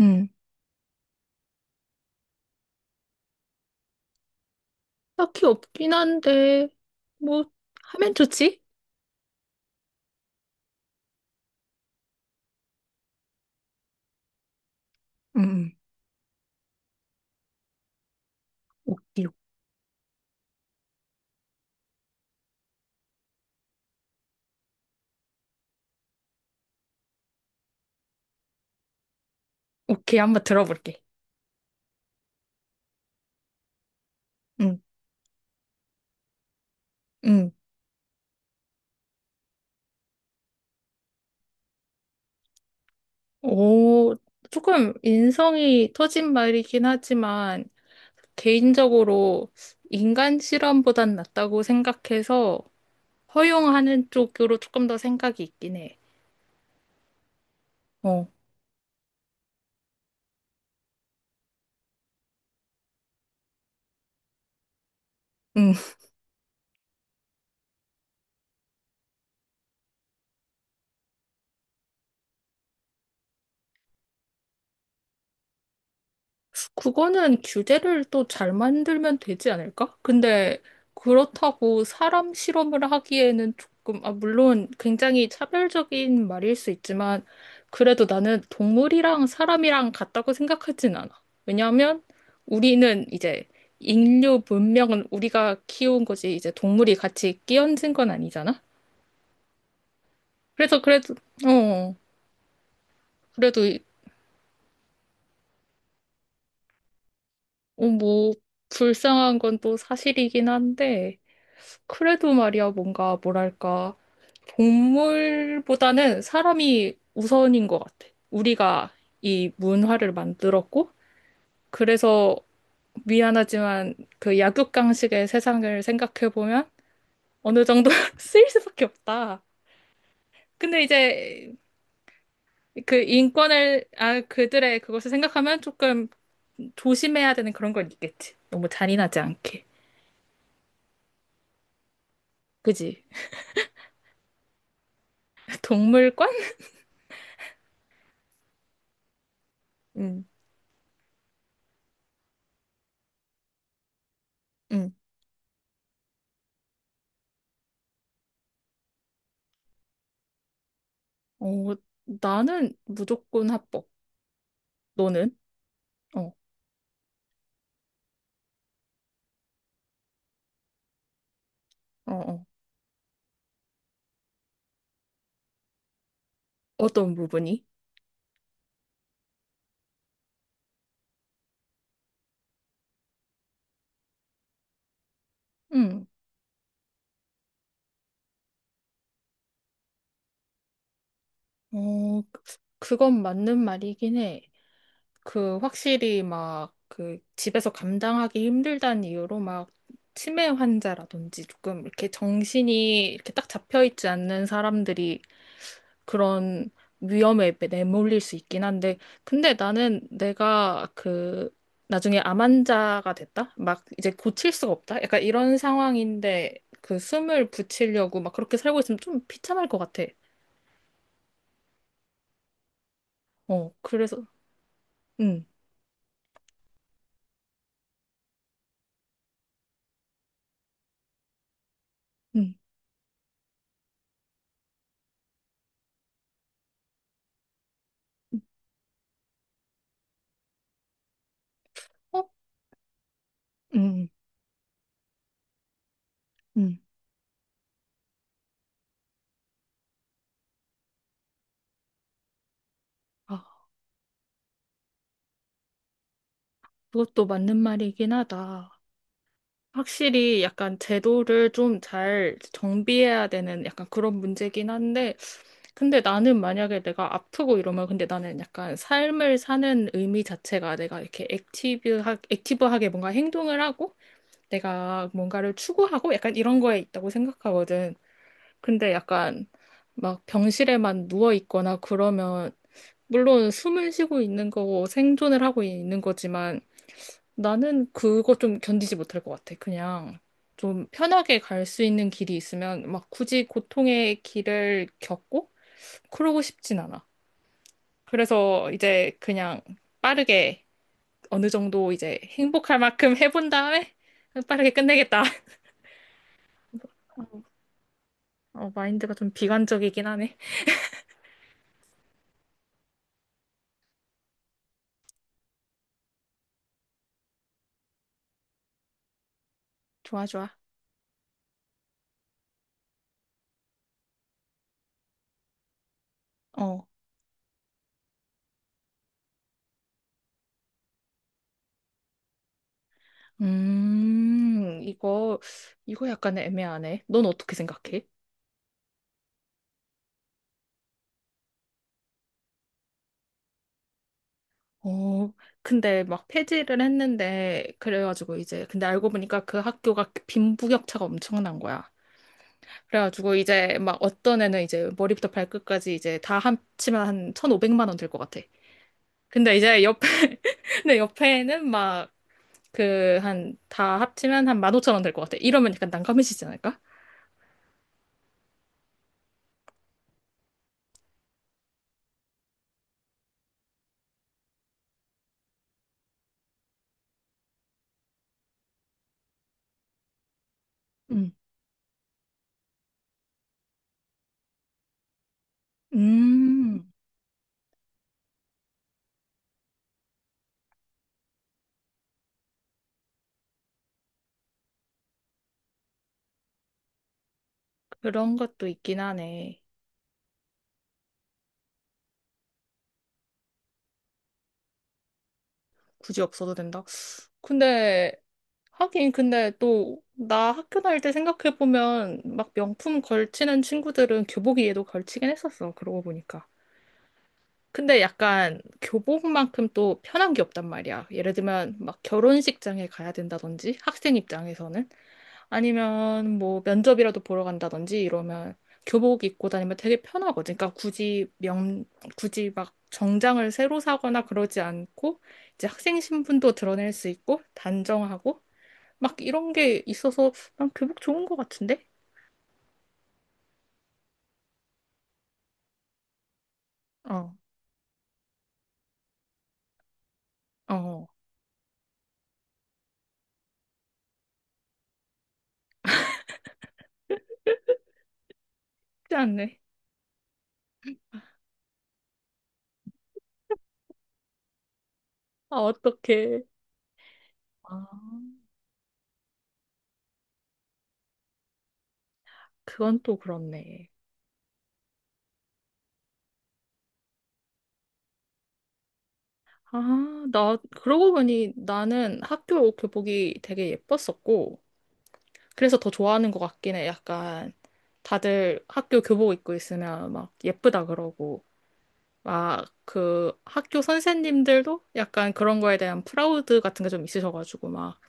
응, 딱히 없긴 한데, 뭐, 하면 좋지? 응, 응. 오케이, 오케이. 한번 들어볼게. 응, 응. 오, 조금 인성이 터진 말이긴 하지만, 개인적으로 인간 실험보단 낫다고 생각해서 허용하는 쪽으로 조금 더 생각이 있긴 해. 어, 응. 그거는 규제를 또 잘 만들면 되지 않을까? 근데 그렇다고 사람 실험을 하기에는 조금, 아, 물론 굉장히 차별적인 말일 수 있지만, 그래도 나는 동물이랑 사람이랑 같다고 생각하진 않아. 왜냐하면 우리는 이제 인류 문명은 우리가 키운 거지, 이제 동물이 같이 끼얹은 건 아니잖아? 그래서 그래도, 어, 그래도, 이- 어, 뭐, 불쌍한 건 또 사실이긴 한데, 그래도 말이야, 뭔가, 뭐랄까, 동물보다는 사람이 우선인 것 같아. 우리가 이 문화를 만들었고, 그래서 미안하지만 그 약육강식의 세상을 생각해보면 어느 정도 쓰일 수밖에 없다. 근데 이제 그 인권을, 아, 그들의 그것을 생각하면 조금 조심해야 되는 그런 건 있겠지. 너무 잔인하지 않게. 그지? 동물관? 응, 응. 어, 나는 무조건 합법. 너는? 어, 어, 어. 어떤 부분이? 응. 어, 그- 그건 맞는 말이긴 해. 그, 확실히 막, 그, 집에서 감당하기 힘들다는 이유로 막, 치매 환자라든지 조금 이렇게 정신이 이렇게 딱 잡혀 있지 않는 사람들이 그런 위험에 내몰릴 수 있긴 한데, 근데 나는 내가 그, 나중에 암환자가 됐다? 막 이제 고칠 수가 없다? 약간 이런 상황인데, 그 숨을 붙이려고 막 그렇게 살고 있으면 좀 비참할 것 같아. 어, 그래서, 응, 응, 어? 응, 응. 응. 아, 그것도 맞는 말이긴 하다. 확실히 약간 제도를 좀 잘 정비해야 되는 약간 그런 문제긴 한데, 근데 나는 만약에 내가 아프고 이러면 근데 나는 약간 삶을 사는 의미 자체가 내가 이렇게 액티브하게 뭔가 행동을 하고 내가 뭔가를 추구하고 약간 이런 거에 있다고 생각하거든. 근데 약간 막 병실에만 누워 있거나 그러면 물론 숨을 쉬고 있는 거고 생존을 하고 있는 거지만 나는 그거 좀 견디지 못할 것 같아. 그냥 좀 편하게 갈 수 있는 길이 있으면 막 굳이 고통의 길을 겪고 그러고 싶진 않아. 그래서 이제 그냥 빠르게 어느 정도 이제 행복할 만큼 해본 다음에 빠르게 끝내겠다. 어, 마인드가 좀 비관적이긴 하네. 좋아, 좋아. 어. 음, 이거, 이거 약간 애매하네. 넌 어떻게 생각해? 어, 근데 막 폐지를 했는데, 그래가지고 이제, 근데 알고 보니까 그 학교가 빈부격차가 엄청난 거야. 그래가지고 이제 막 어떤 애는 이제 머리부터 발끝까지 이제 다 합치면 한 1,500만 원 될 것 같아. 근데 이제 옆에, 근데 옆에는 막, 그, 한, 다 합치면 한 15,000원 될 것 같아. 이러면 약간 난감해지지 않을까? 음. 음. 그런 것도 있긴 하네. 굳이 없어도 된다. 근데, 하긴, 근데 또, 나 학교 다닐 때 생각해보면, 막 명품 걸치는 친구들은 교복위에도 걸치긴 했었어. 그러고 보니까. 근데 약간 교복만큼 또 편한 게 없단 말이야. 예를 들면, 막 결혼식장에 가야 된다든지, 학생 입장에서는. 아니면 뭐 면접이라도 보러 간다든지 이러면 교복 입고 다니면 되게 편하거든. 그러니까 굳이 막 정장을 새로 사거나 그러지 않고 이제 학생 신분도 드러낼 수 있고 단정하고 막 이런 게 있어서 난 교복 좋은 것 같은데? 어, 어, 쉽지 않네. 아, 어떡해. 아, 그건 또 그렇네. 아, 나, 그러고 보니 나는 학교 교복이 되게 예뻤었고, 그래서 더 좋아하는 것 같긴 해. 약간 다들 학교 교복 입고 있으면 막 예쁘다 그러고 막 그 학교 선생님들도 약간 그런 거에 대한 프라우드 같은 게 좀 있으셔가지고 막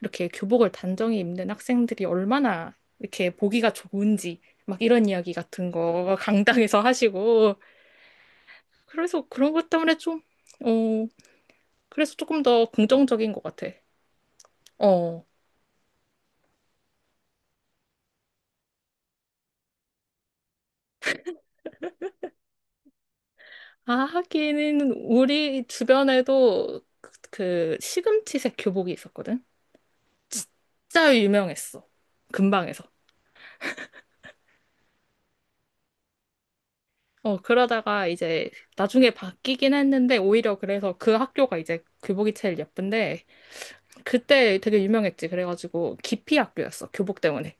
이렇게 교복을 단정히 입는 학생들이 얼마나 이렇게 보기가 좋은지 막 이런 이야기 같은 거 강당에서 하시고 그래서 그런 것 때문에 좀, 어, 그래서 조금 더 긍정적인 것 같아. 어. 아, 하기는 우리 주변에도 그, 그 시금치색 교복이 있었거든? 진짜 유명했어. 근방에서. 어, 그러다가 이제 나중에 바뀌긴 했는데 오히려 그래서 그 학교가 이제 교복이 제일 예쁜데 그때 되게 유명했지. 그래가지고 기피 학교였어. 교복 때문에.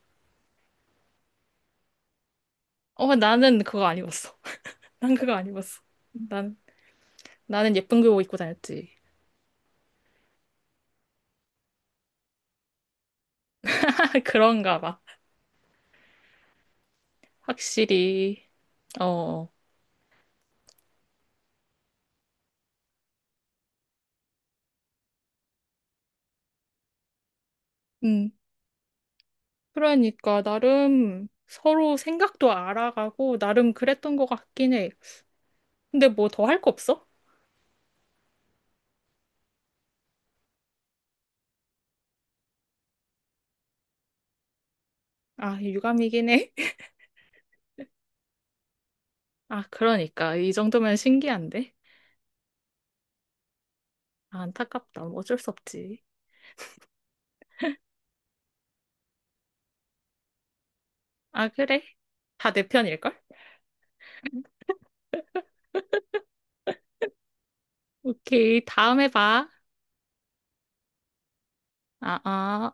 어, 나는 그거 안 입었어. 난 그거 안 입었어. 난, 나는 예쁜 교복 입고 다녔지. 그런가 봐. 확실히. 어. 음. 그러니까 나름 서로 생각도 알아가고 나름 그랬던 것 같긴 해. 근데 뭐 더 할 거 없어? 아, 유감이긴 해. 아, 그러니까 이 정도면 신기한데? 아, 안타깝다. 뭐 어쩔 수 없지. 아, 그래. 다 내 편일걸? 오케이. 다음에 봐. 아, 아.